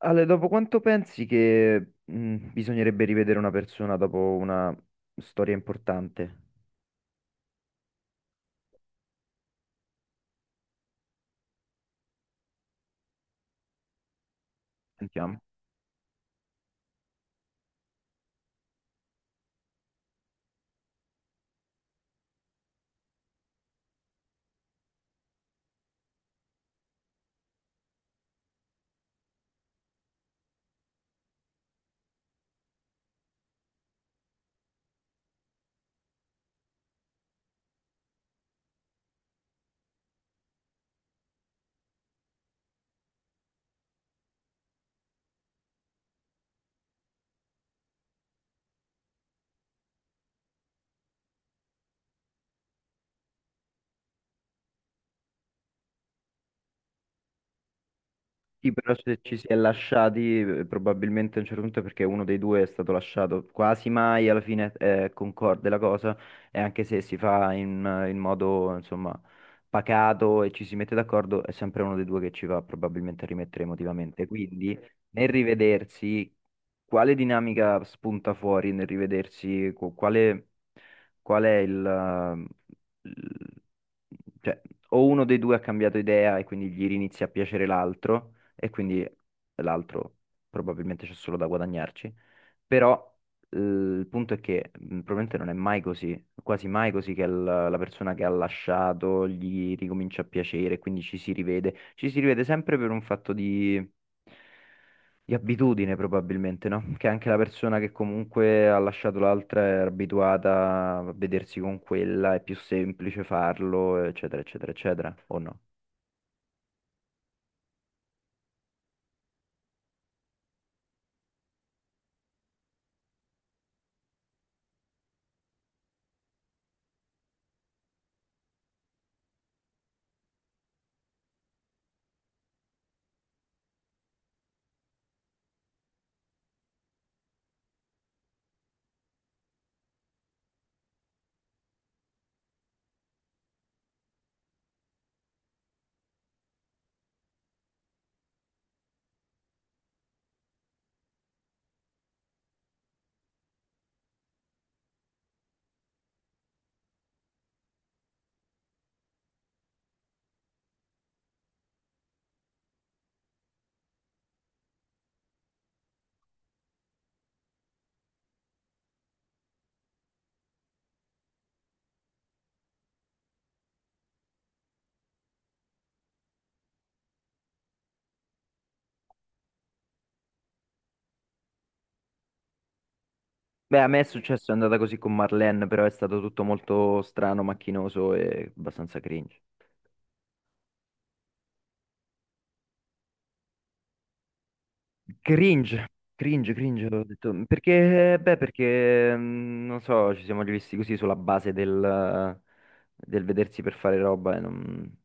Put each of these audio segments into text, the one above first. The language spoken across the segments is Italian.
Ale, dopo quanto pensi che bisognerebbe rivedere una persona dopo una storia importante? Sentiamo. Sì, però se ci si è lasciati, probabilmente a un certo punto è perché uno dei due è stato lasciato. Quasi mai alla fine concorde la cosa, e anche se si fa in modo, insomma, pacato e ci si mette d'accordo, è sempre uno dei due che ci va probabilmente a rimettere emotivamente. Quindi, nel rivedersi, quale dinamica spunta fuori nel rivedersi? Quale, qual è il... eh, il- cioè, o uno dei due ha cambiato idea e quindi gli inizia a piacere l'altro e quindi l'altro probabilmente c'è solo da guadagnarci. Però il punto è che probabilmente non è mai così, quasi mai così che la persona che ha lasciato gli ricomincia a piacere, quindi ci si rivede. Ci si rivede sempre per un fatto di abitudine probabilmente, no? Che anche la persona che comunque ha lasciato l'altra è abituata a vedersi con quella, è più semplice farlo, eccetera, eccetera, eccetera, o no? Beh, a me è successo, è andata così con Marlene, però è stato tutto molto strano, macchinoso e abbastanza cringe. Cringe, cringe, cringe, ho detto. Perché, beh, perché, non so, ci siamo rivisti così sulla base del vedersi per fare roba e non,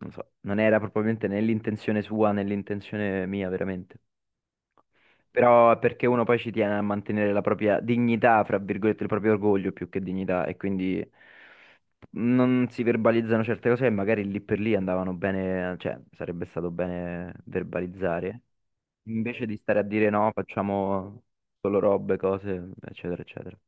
non so, non era probabilmente né l'intenzione sua né l'intenzione mia, veramente. Però è perché uno poi ci tiene a mantenere la propria dignità, fra virgolette, il proprio orgoglio più che dignità, e quindi... non si verbalizzano certe cose e magari lì per lì andavano bene, cioè sarebbe stato bene verbalizzare, invece di stare a dire no, facciamo solo robe, cose, eccetera, eccetera.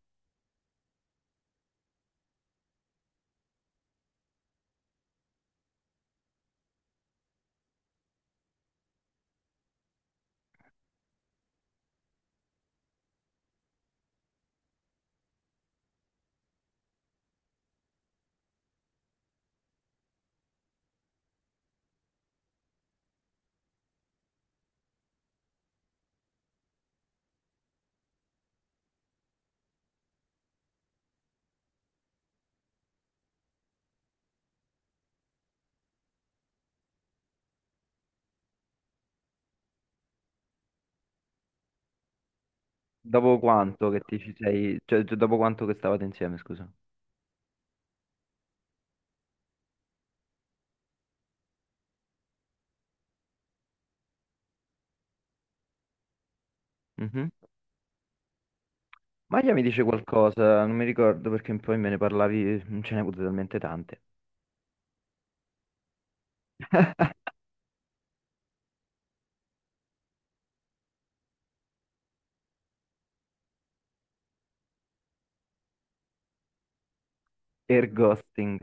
Dopo quanto che ti ci sei, cioè, dopo quanto che stavate insieme, scusa. Mhm. Maglia mi dice qualcosa, non mi ricordo perché poi me ne parlavi, ce ne avute talmente tante. Air ghosting.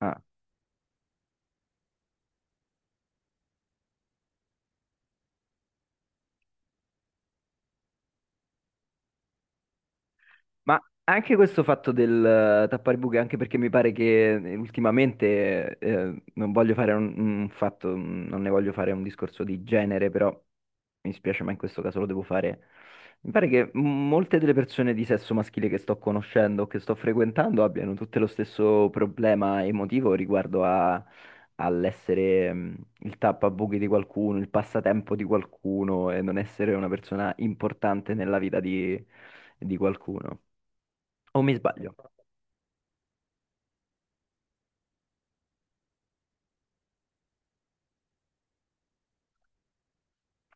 Ah, ma anche questo fatto del tappare buche, anche perché mi pare che ultimamente, non voglio fare un fatto, non ne voglio fare un discorso di genere, però mi spiace, ma in questo caso lo devo fare. Mi pare che molte delle persone di sesso maschile che sto conoscendo, o che sto frequentando, abbiano tutte lo stesso problema emotivo riguardo all'essere il tappabuchi di qualcuno, il passatempo di qualcuno e non essere una persona importante nella vita di qualcuno. O mi sbaglio?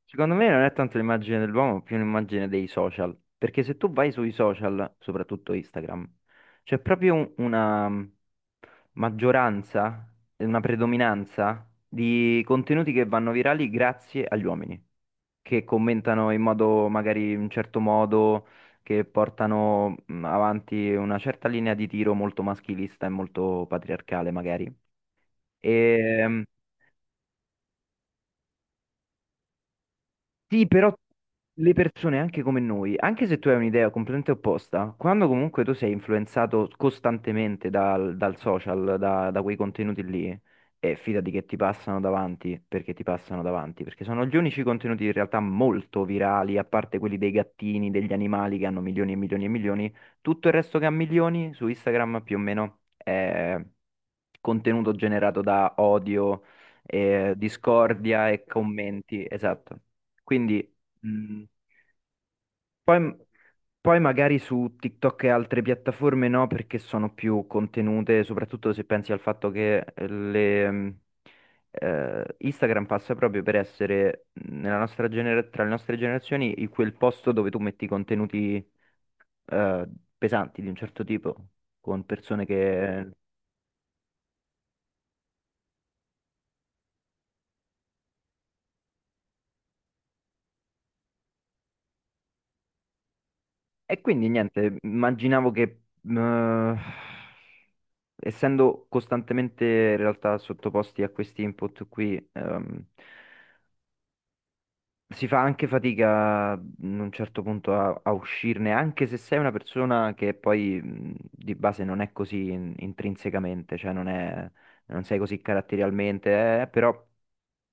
Secondo me non è tanto l'immagine dell'uomo, ma più un'immagine dei social. Perché se tu vai sui social, soprattutto Instagram, c'è proprio una maggioranza, e una predominanza di contenuti che vanno virali grazie agli uomini, che commentano in modo magari in un certo modo, che portano avanti una certa linea di tiro molto maschilista e molto patriarcale, magari. E, sì, però le persone, anche come noi, anche se tu hai un'idea completamente opposta, quando comunque tu sei influenzato costantemente dal social, da quei contenuti lì, e fidati che ti passano davanti, perché ti passano davanti, perché sono gli unici contenuti in realtà molto virali, a parte quelli dei gattini, degli animali che hanno milioni e milioni e milioni, tutto il resto che ha milioni su Instagram più o meno è contenuto generato da odio, discordia e commenti, esatto. Quindi mh, poi, poi magari su TikTok e altre piattaforme no, perché sono più contenute, soprattutto se pensi al fatto che Instagram passa proprio per essere nella nostra tra le nostre generazioni quel posto dove tu metti contenuti eh, pesanti di un certo tipo, con persone che... E quindi niente, immaginavo che... essendo costantemente in realtà sottoposti a questi input qui, si fa anche fatica in un certo punto a uscirne, anche se sei una persona che poi di base non è così intrinsecamente, cioè non è, non sei così caratterialmente, però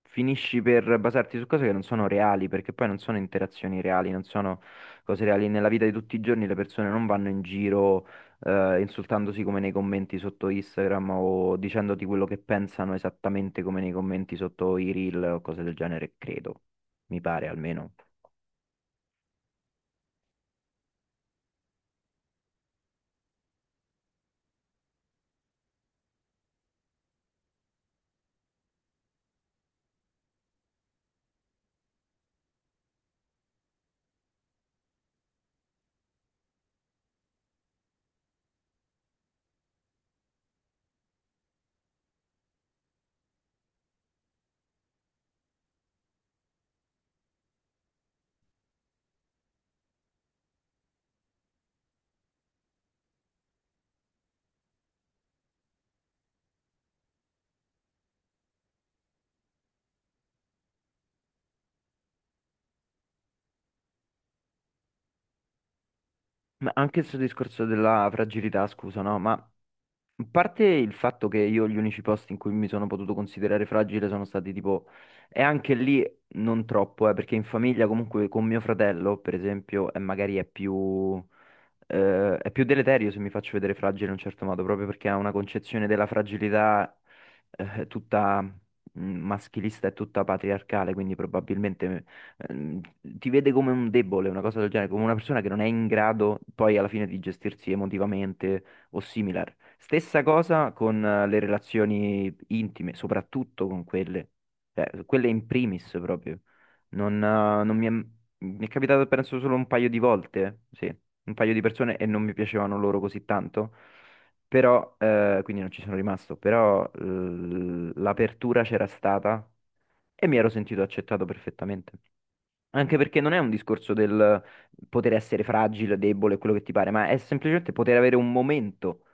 finisci per basarti su cose che non sono reali, perché poi non sono interazioni reali, non sono cose reali. Nella vita di tutti i giorni le persone non vanno in giro insultandosi come nei commenti sotto Instagram o dicendoti quello che pensano esattamente come nei commenti sotto i reel o cose del genere, credo. Mi pare almeno. Ma anche questo discorso della fragilità, scusa, no? Ma a parte il fatto che io gli unici posti in cui mi sono potuto considerare fragile sono stati tipo, e anche lì non troppo, perché in famiglia comunque con mio fratello, per esempio, è magari è più deleterio se mi faccio vedere fragile in un certo modo, proprio perché ha una concezione della fragilità tutta maschilista e tutta patriarcale, quindi probabilmente ti vede come un debole, una cosa del genere, come una persona che non è in grado poi alla fine di gestirsi emotivamente o similar. Stessa cosa con le relazioni intime, soprattutto con quelle, cioè, quelle in primis proprio. Non, mi è capitato penso solo un paio di volte, sì un paio di persone e non mi piacevano loro così tanto, però, quindi non ci sono rimasto, però l'apertura c'era stata e mi ero sentito accettato perfettamente. Anche perché non è un discorso del poter essere fragile, debole, quello che ti pare, ma è semplicemente poter avere un momento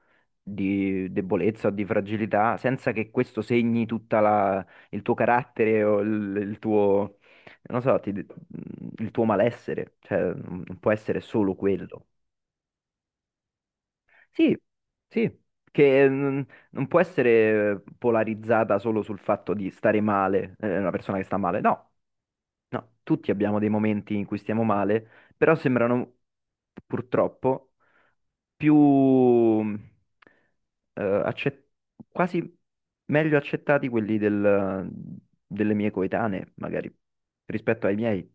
di debolezza o di fragilità senza che questo segni tutta il tuo carattere o il tuo, non so, il tuo malessere. Cioè, non può essere solo quello. Sì, sì, che non può essere polarizzata solo sul fatto di stare male, una persona che sta male. No, no, tutti abbiamo dei momenti in cui stiamo male, però sembrano purtroppo più mm, eh, accet- quasi meglio accettati quelli delle mie coetanee, magari, rispetto ai miei.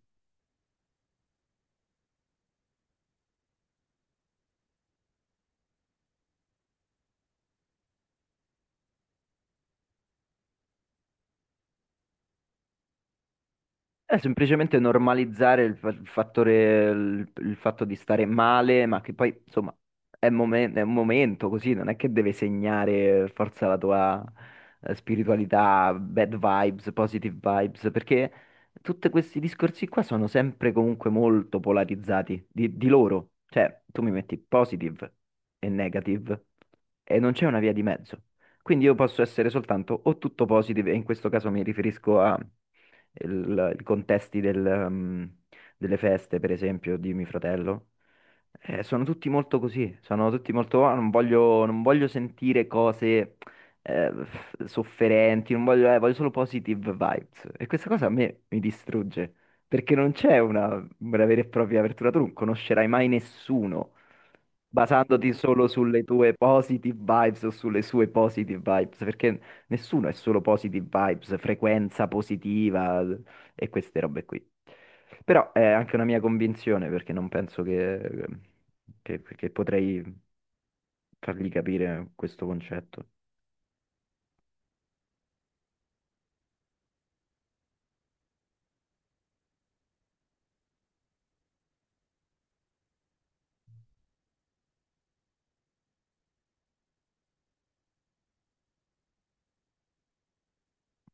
È semplicemente normalizzare il fattore, il fatto di stare male, ma che poi, insomma, è, è un momento così, non è che deve segnare forza la tua spiritualità, bad vibes, positive vibes, perché tutti questi discorsi qua sono sempre comunque molto polarizzati di loro. Cioè, tu mi metti positive e negative e non c'è una via di mezzo. Quindi io posso essere soltanto o tutto positive, e in questo caso mi riferisco a i contesti del, delle feste, per esempio, di mio fratello. Sono tutti molto così, sono tutti molto, "Ah, non voglio, non voglio sentire cose sofferenti, non voglio, voglio solo positive vibes". E questa cosa a me mi distrugge, perché non c'è una vera e propria apertura, tu non conoscerai mai nessuno basandoti solo sulle tue positive vibes o sulle sue positive vibes, perché nessuno è solo positive vibes, frequenza positiva e queste robe qui. Però è anche una mia convinzione perché non penso che potrei fargli capire questo concetto.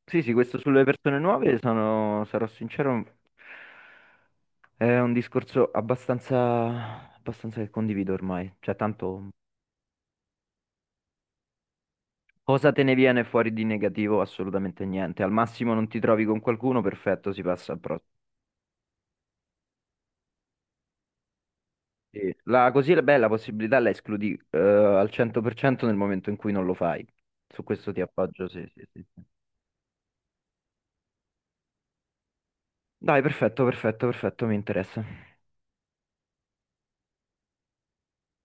Sì, sì, questo sulle persone nuove sono, sarò sincero, è un discorso abbastanza, abbastanza che condivido ormai. Cioè, tanto cosa te ne viene fuori di negativo? Assolutamente niente. Al massimo non ti trovi con qualcuno, perfetto, si passa al prossimo. Sì. La, così è bella possibilità la escludi al 100% nel momento in cui non lo fai. Su questo ti appoggio, sì, sì, sì. Sì. Dai, perfetto, perfetto, perfetto, mi interessa.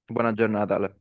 Buona giornata, Ale.